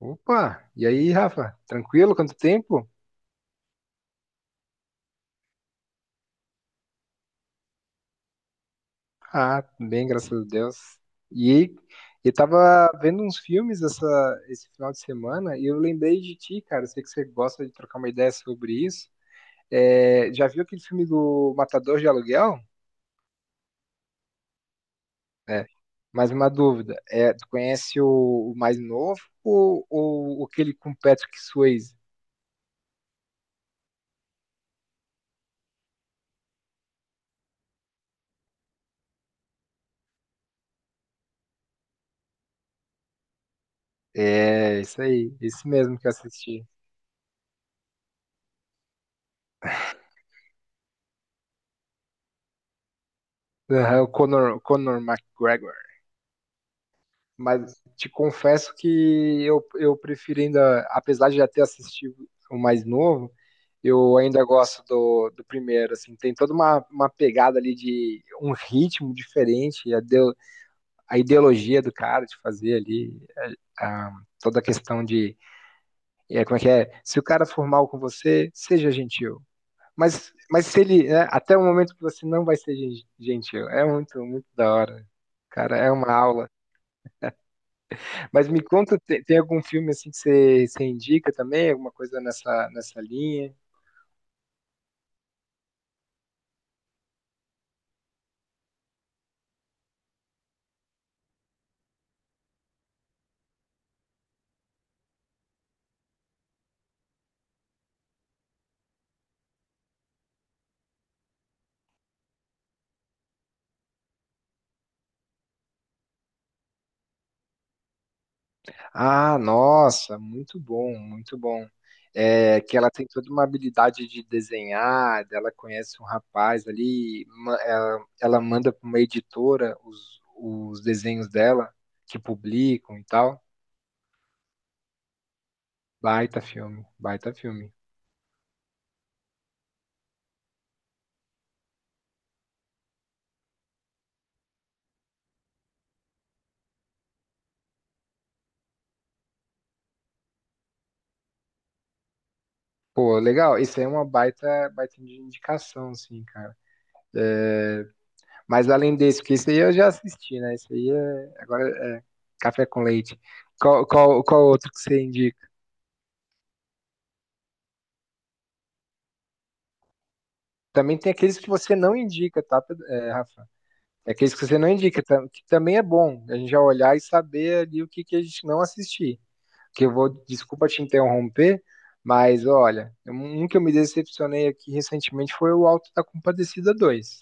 Opa! E aí, Rafa? Tranquilo? Quanto tempo? Ah, bem, graças a Deus. E aí, eu tava vendo uns filmes esse final de semana e eu lembrei de ti, cara. Eu sei que você gosta de trocar uma ideia sobre isso. É, já viu aquele filme do Matador de Aluguel? É. Mais uma dúvida. É, tu conhece o mais novo ou aquele com Patrick Swayze? É, isso aí, esse mesmo que eu assisti. Aham, o Conor McGregor. Mas te confesso que eu prefiro ainda, apesar de já ter assistido o mais novo, eu ainda gosto do, do primeiro, assim, tem toda uma pegada ali de um ritmo diferente, a, a ideologia do cara de fazer ali, toda a questão de, é, como é que é, se o cara for mal com você, seja gentil, mas se ele, né, até o momento que você não vai ser gentil, é muito, muito da hora, cara, é uma aula. Mas me conta, tem algum filme assim que você indica também? Alguma coisa nessa, nessa linha? Ah, nossa, muito bom, muito bom. É, que ela tem toda uma habilidade de desenhar, ela conhece um rapaz ali, ela manda para uma editora os desenhos dela, que publicam e tal. Baita filme, baita filme. Pô, legal, isso aí é uma baita, baita de indicação, assim, cara. Mas além desse, porque isso aí eu já assisti, né? Isso aí é. Agora Café com leite. Qual outro que você indica? Também tem aqueles que você não indica, tá, Rafa? É aqueles que você não indica, que também é bom a gente já olhar e saber ali o que, que a gente não assistir. Que eu vou, desculpa te interromper, mas olha, um que eu me decepcionei aqui recentemente foi o Alto da Compadecida dois.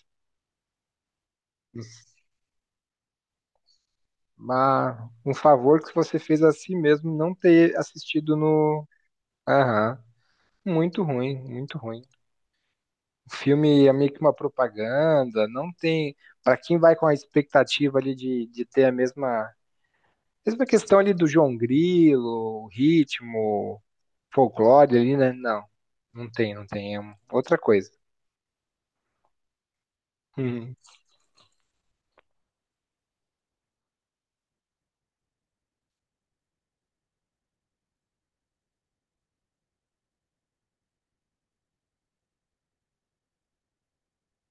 Mas um favor que você fez a si mesmo não ter assistido no. Aham. Muito ruim, muito ruim. O filme é meio que uma propaganda, não tem. Para quem vai com a expectativa ali de ter a mesma, mesma questão ali do João Grilo, o ritmo, folclore ali, né? Não, não tem, não tem. É outra coisa. Hum,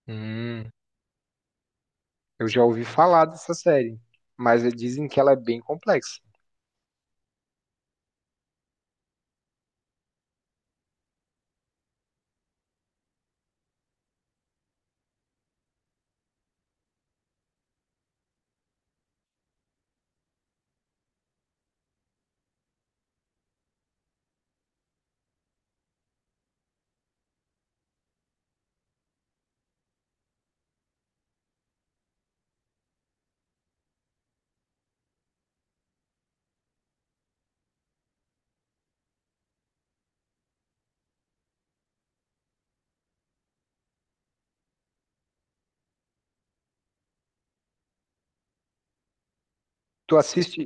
hum. Eu já ouvi falar dessa série, mas dizem que ela é bem complexa. Tu assiste,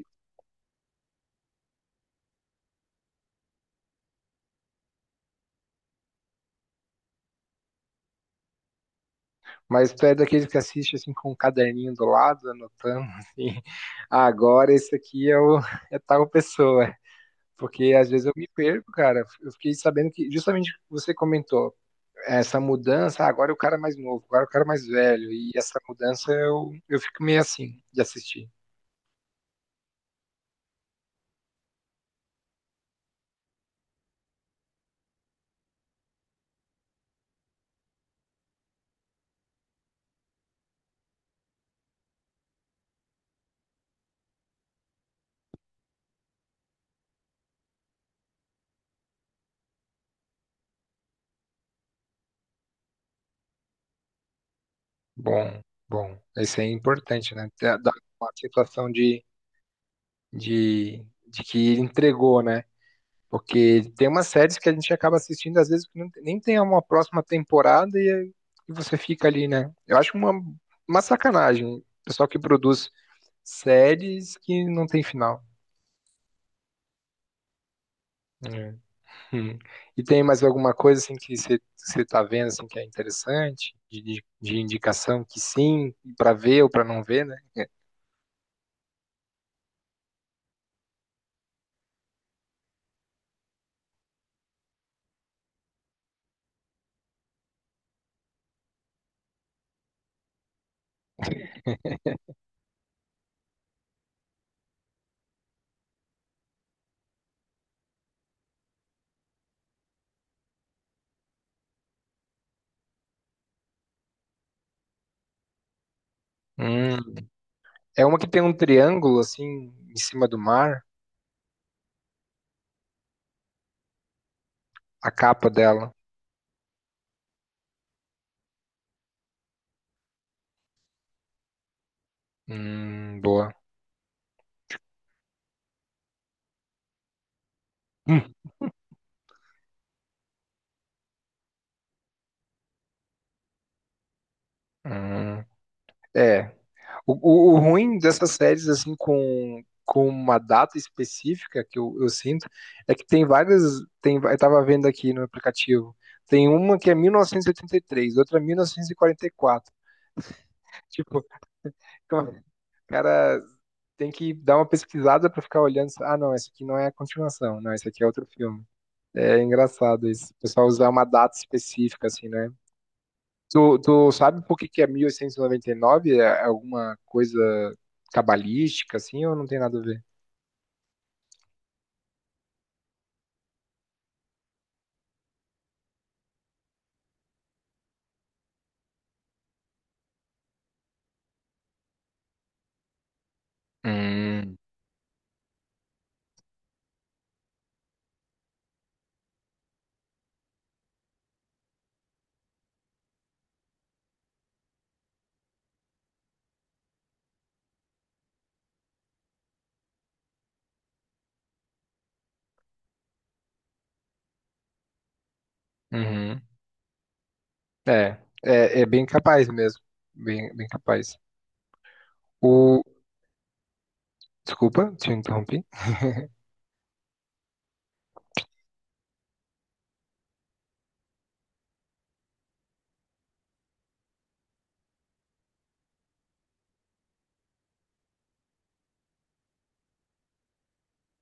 mas tu é daqueles que assiste assim com um caderninho do lado, anotando assim. "Ah, agora esse aqui é o é tal pessoa." Porque às vezes eu me perco, cara. Eu fiquei sabendo que, justamente o que você comentou, essa mudança, ah, agora é o cara mais novo, agora é o cara mais velho. E essa mudança eu fico meio assim de assistir. Bom, bom. Isso é importante, né? Dar uma sensação de que ele entregou, né? Porque tem umas séries que a gente acaba assistindo, às vezes, que nem tem uma próxima temporada e você fica ali, né? Eu acho uma sacanagem. O pessoal que produz séries que não tem final. É. Hum. E tem mais alguma coisa assim que você está vendo assim que é interessante de indicação que sim para ver ou para não ver, né? Hum. É uma que tem um triângulo assim em cima do mar, a capa dela. Boa. Hum. Hum. É. O ruim dessas séries assim com uma data específica que eu sinto é que tem várias tem eu tava vendo aqui no aplicativo tem uma que é 1983 outra 1944. Tipo, co- cara, tem que dar uma pesquisada pra ficar olhando. Ah, não, esse aqui não é a continuação. Não, esse aqui é outro filme. É engraçado isso. O pessoal usar uma data específica, assim, né? Tu, tu sabe por que que é 1899? É alguma coisa cabalística, assim, ou não tem nada a ver? Hum, uhum. É, é, é bem capaz mesmo. Bem, bem capaz. O... Desculpa, te interrompi.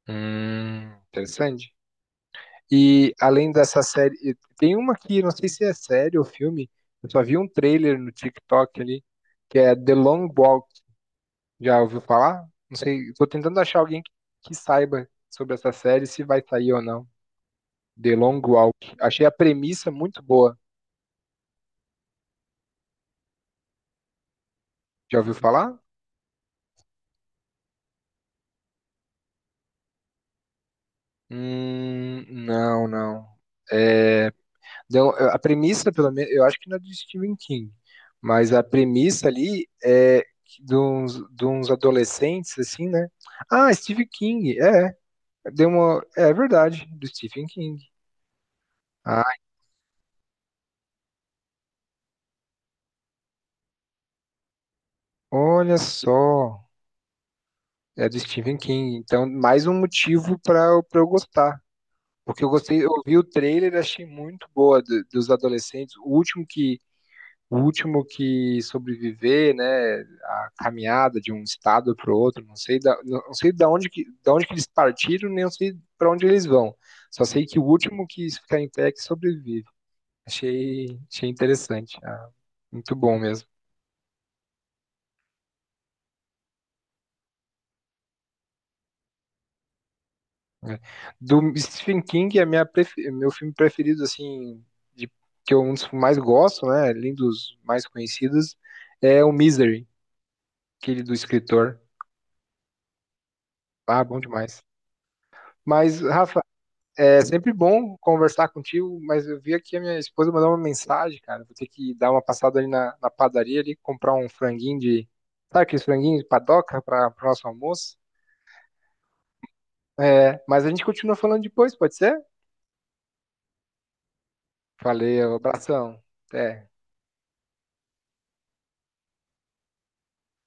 Interessante. E além dessa série, tem uma que não sei se é série ou filme, eu só vi um trailer no TikTok ali, que é The Long Walk. Já ouviu falar? Não sei, tô tentando achar alguém que saiba sobre essa série, se vai sair ou não. The Long Walk. Achei a premissa muito boa. Já ouviu falar? Não, não. É, então, a premissa, pelo menos, eu acho que não é do Stephen King, mas a premissa ali é que de uns adolescentes, assim, né? Ah, Stephen King, é, deu uma, é é verdade, do Stephen King. Ah, olha só, é do Stephen King, então mais um motivo para eu pra eu gostar. Porque eu gostei, eu vi o trailer, e achei muito boa dos adolescentes. O último que sobreviver, né, a caminhada de um estado para o outro, não sei da, não sei da onde que eles partiram, nem eu sei para onde eles vão. Só sei que o último que ficar em pé é que sobrevive. Achei, achei interessante. Ah, muito bom mesmo. Né. Do Stephen King é minha meu filme preferido assim, de, que eu um dos que mais gosto, né, além dos mais conhecidos, é o Misery, aquele do escritor. Ah, bom demais. Mas, Rafa, é sempre bom conversar contigo, mas eu vi aqui a minha esposa mandou uma mensagem, cara. Vou ter que dar uma passada ali na, na padaria ali, comprar um franguinho de. Sabe aqueles franguinhos de padoca para o nosso almoço? É, mas a gente continua falando depois, pode ser? Valeu, abração. Até.